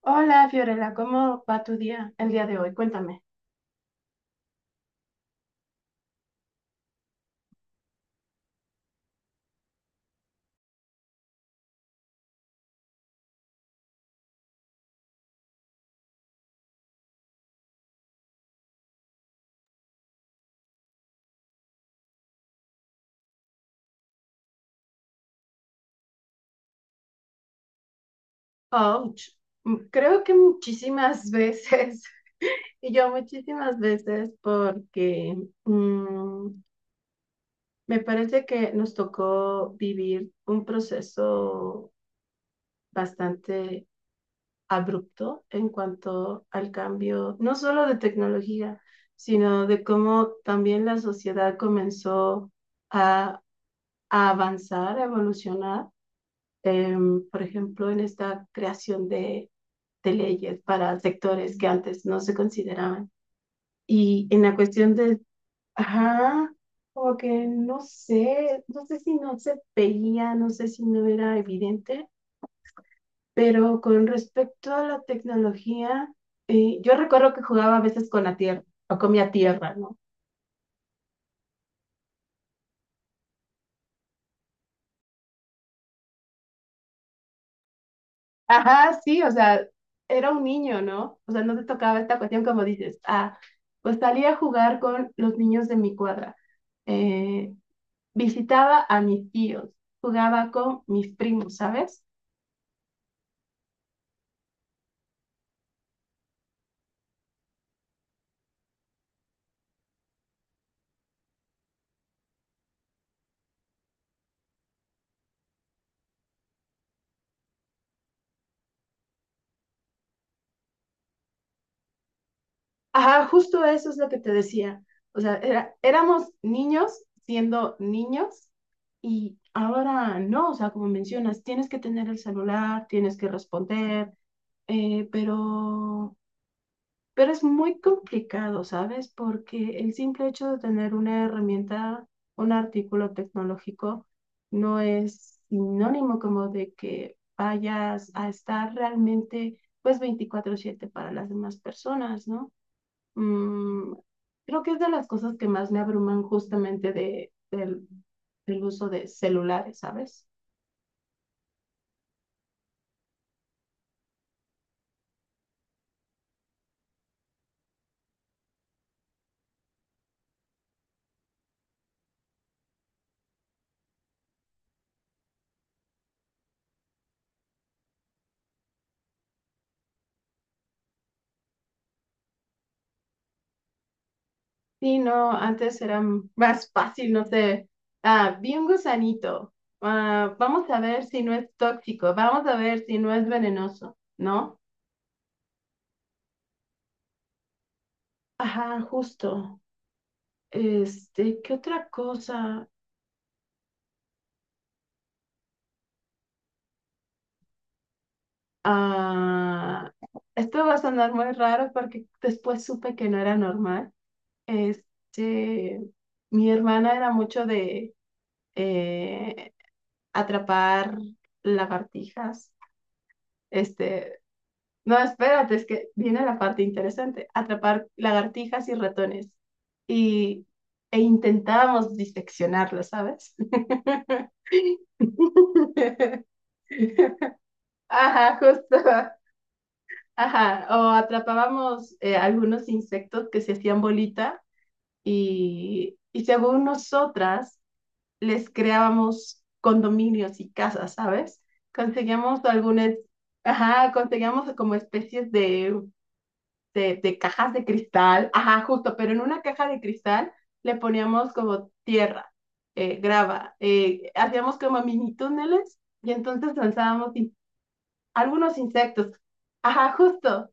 Hola Fiorella, ¿cómo va tu día el día de hoy? Cuéntame. Ouch. Mm, creo que muchísimas veces, y yo muchísimas veces, porque mm, me parece que nos tocó vivir un proceso bastante abrupto en cuanto al cambio, no solo de tecnología, sino de cómo también la sociedad comenzó a, a avanzar, a evolucionar. Por ejemplo, en esta creación de leyes para sectores que antes no se consideraban. Y en la cuestión de, ajá, como que no sé, no sé si no se veía, no sé si no era evidente, pero con respecto a la tecnología, yo recuerdo que jugaba a veces con la tierra o comía tierra, ¿no? Ajá, sí, o sea, era un niño, ¿no? O sea, no te tocaba esta cuestión como dices, ah, pues salía a jugar con los niños de mi cuadra, eh, visitaba a mis tíos, jugaba con mis primos, ¿sabes? Ajá, justo eso es lo que te decía. O sea, éramos niños siendo niños, y ahora no, o sea, como mencionas, tienes que tener el celular, tienes que responder, eh, pero... Pero es muy complicado, ¿sabes? Porque el simple hecho de tener una herramienta, un artículo tecnológico, no es sinónimo como de que vayas a estar realmente, pues, veinticuatro siete para las demás personas, ¿no? Mm, creo que es de las cosas que más me abruman justamente del uso de celulares, ¿sabes? Sí, no, antes era más fácil, no sé. Ah, vi un gusanito. Ah, vamos a ver si no es tóxico, vamos a ver si no es venenoso, ¿no? Ajá, justo. Este, ¿qué otra cosa? Ah, esto va a sonar muy raro porque después supe que no era normal. Este, mi hermana era mucho de eh, atrapar lagartijas. Este, no, espérate, es que viene la parte interesante, atrapar lagartijas y ratones. Y, E intentábamos diseccionarlos, ¿sabes? Ajá, justo. Ajá, o atrapábamos algunos insectos que se hacían bolita y según nosotras les creábamos condominios y casas, ¿sabes? Conseguíamos algunas, ajá, conseguíamos como especies de de cajas de cristal, ajá, justo, pero en una caja de cristal le poníamos como tierra, grava, hacíamos como mini túneles y entonces lanzábamos algunos insectos, ajá, justo.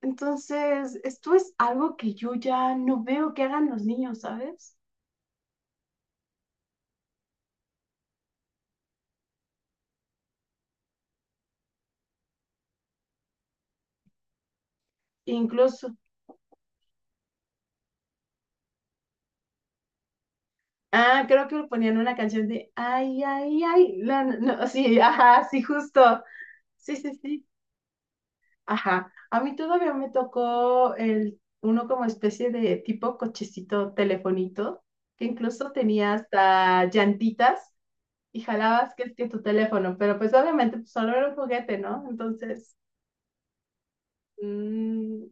Entonces, esto es algo que yo ya no veo que hagan los niños, ¿sabes? Incluso, ah, creo que ponían una canción de, ay, ay, ay, no, sí, ajá, sí, justo, sí, sí, sí. Ajá, a mí todavía me tocó el, uno como especie de tipo cochecito telefonito, que incluso tenía hasta llantitas y jalabas que es que tu teléfono, pero pues obviamente pues, solo era un juguete, ¿no? Entonces, mm,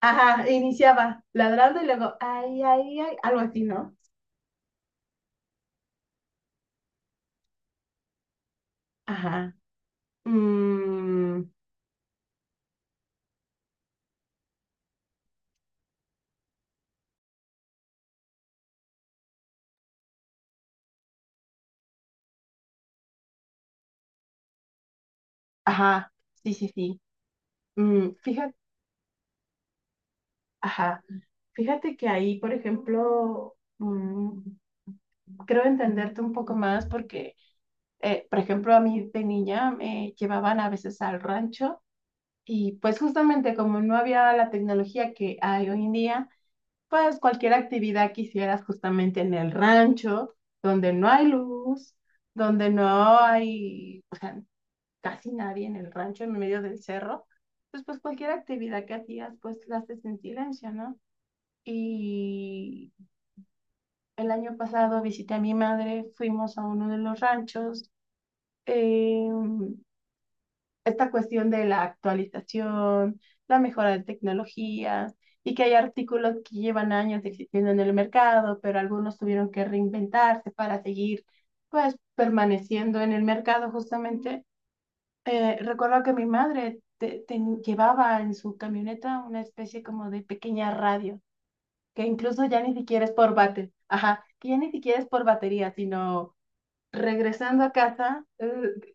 ajá, iniciaba ladrando y luego, ay, ay, ay, algo así, ¿no? Ajá, mm, ajá, sí, sí, sí. Mm, fíjate, ajá, fíjate que ahí, por ejemplo, creo entenderte un poco más porque, por ejemplo, a mí de niña me llevaban a veces al rancho, y pues justamente como no había la tecnología que hay hoy en día, pues cualquier actividad que hicieras justamente en el rancho, donde no hay luz, donde no hay, o sea, casi nadie en el rancho, en medio del cerro, pues, pues cualquier actividad que hacías, pues la haces en silencio, ¿no? Y el año pasado visité a mi madre, fuimos a uno de los ranchos, eh, esta cuestión de la actualización, la mejora de tecnologías y que hay artículos que llevan años existiendo en el mercado, pero algunos tuvieron que reinventarse para seguir pues permaneciendo en el mercado justamente. Recuerdo que mi madre llevaba en su camioneta una especie como de pequeña radio, que incluso ya ni siquiera es ajá, que ya ni siquiera es por batería, sino regresando a casa, eh,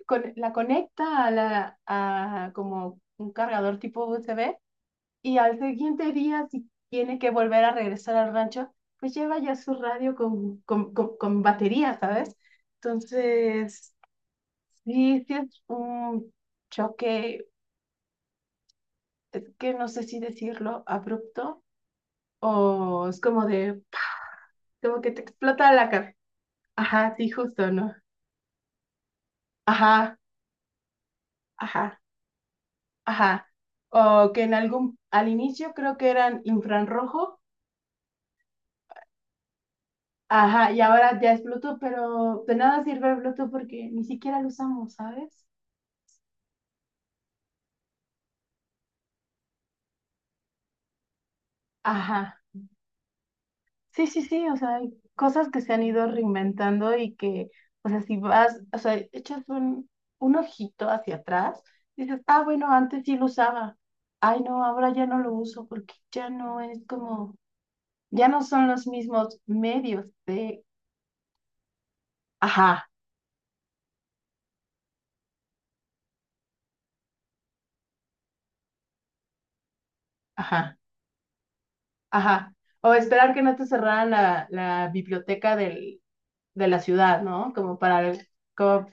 con- la conecta a como un cargador tipo USB, y al siguiente día, si tiene que volver a regresar al rancho, pues lleva ya su radio con batería, ¿sabes? Entonces, sí, sí es un choque, es que no sé si decirlo abrupto o es como de, ¡pa! Como que te explota la cabeza. Ajá, sí, justo, ¿no? Ajá, ajá. Ajá. O que en algún, al inicio creo que eran infrarrojo. Ajá, y ahora ya es Bluetooth, pero de nada sirve el Bluetooth porque ni siquiera lo usamos, ¿sabes? Ajá. Sí, sí, sí, o sea, hay cosas que se han ido reinventando y que, o sea, si vas, o sea, echas un ojito hacia atrás, dices, ah, bueno, antes sí lo usaba. Ay, no, ahora ya no lo uso porque ya no es como, ya no son los mismos medios de, ajá, ajá. Ajá. O esperar que no te cerraran la biblioteca del, de la ciudad, ¿no? Como para, como,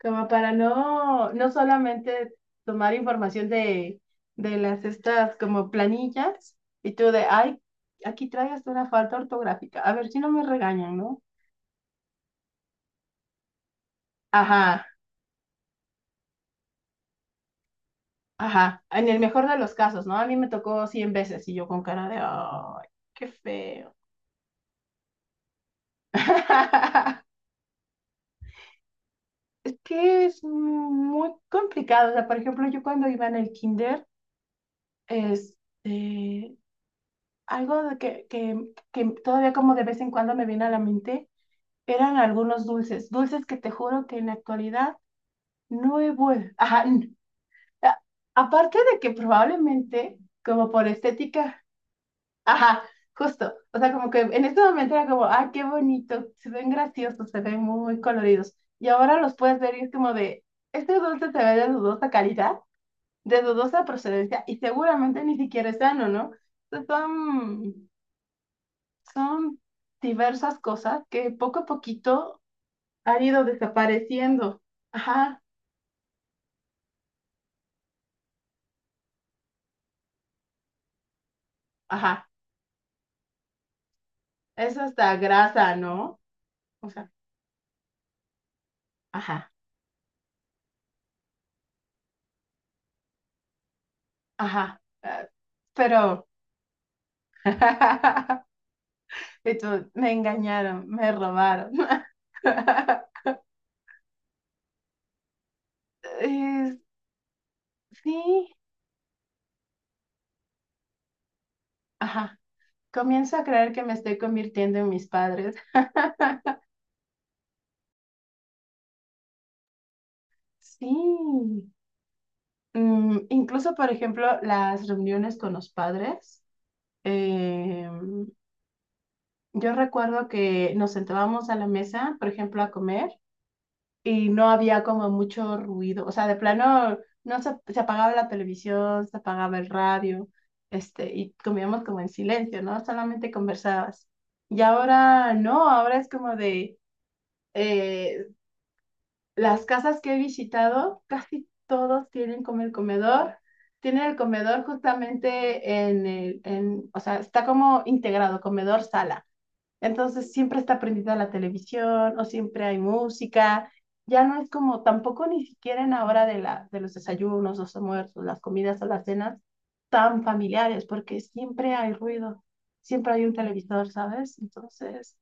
como para no, no solamente tomar información de las estas como planillas y tú de, ay, aquí traes una falta ortográfica. A ver si no me regañan, ¿no? Ajá, ajá. En el mejor de los casos, ¿no? A mí me tocó 100 veces y yo con cara de, ay, qué feo. Es que es muy complicado. O sea, por ejemplo, yo cuando iba en el kinder, este, algo que todavía como de vez en cuando me viene a la mente, eran algunos dulces, dulces que te juro que en la actualidad no he vuelto. Ajá, a- aparte de que probablemente, como por estética, ajá, justo. O sea, como que en este momento era como, ah, qué bonito, se ven graciosos, se ven muy coloridos. Y ahora los puedes ver y es como de, este dulce se ve de dudosa calidad, de dudosa procedencia y seguramente ni siquiera es sano, ¿no? Entonces, son diversas cosas que poco a poquito han ido desapareciendo. Ajá, ajá. Es hasta grasa, ¿no? O sea, ajá, ajá. Pero, y tú, me engañaron, me robaron. Es- sí, ajá. Comienzo a creer que me estoy convirtiendo en mis padres. Sí. Mm, incluso, por ejemplo, las reuniones con los padres. eh, yo recuerdo que nos sentábamos a la mesa, por ejemplo, a comer y no había como mucho ruido. O sea, de plano, no se, se apagaba la televisión, se apagaba el radio, este, y comíamos como en silencio, ¿no? Solamente conversabas. Y ahora no, ahora es como de, eh, las casas que he visitado, casi todos tienen como el comedor. Tienen el comedor justamente o sea, está como integrado, comedor-sala. Entonces siempre está prendida la televisión o siempre hay música. Ya no es como tampoco ni siquiera en la hora de los desayunos, los almuerzos, las comidas o las cenas tan familiares, porque siempre hay ruido, siempre hay un televisor, ¿sabes? Entonces,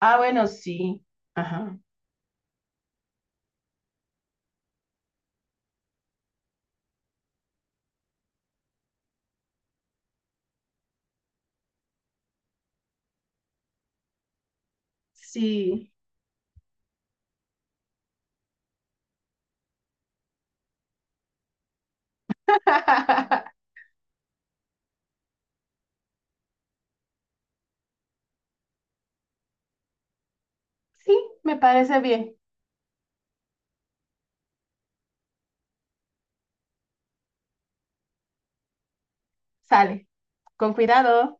ah, bueno, sí, ajá, sí. Sí, me parece bien. Sale. Con cuidado.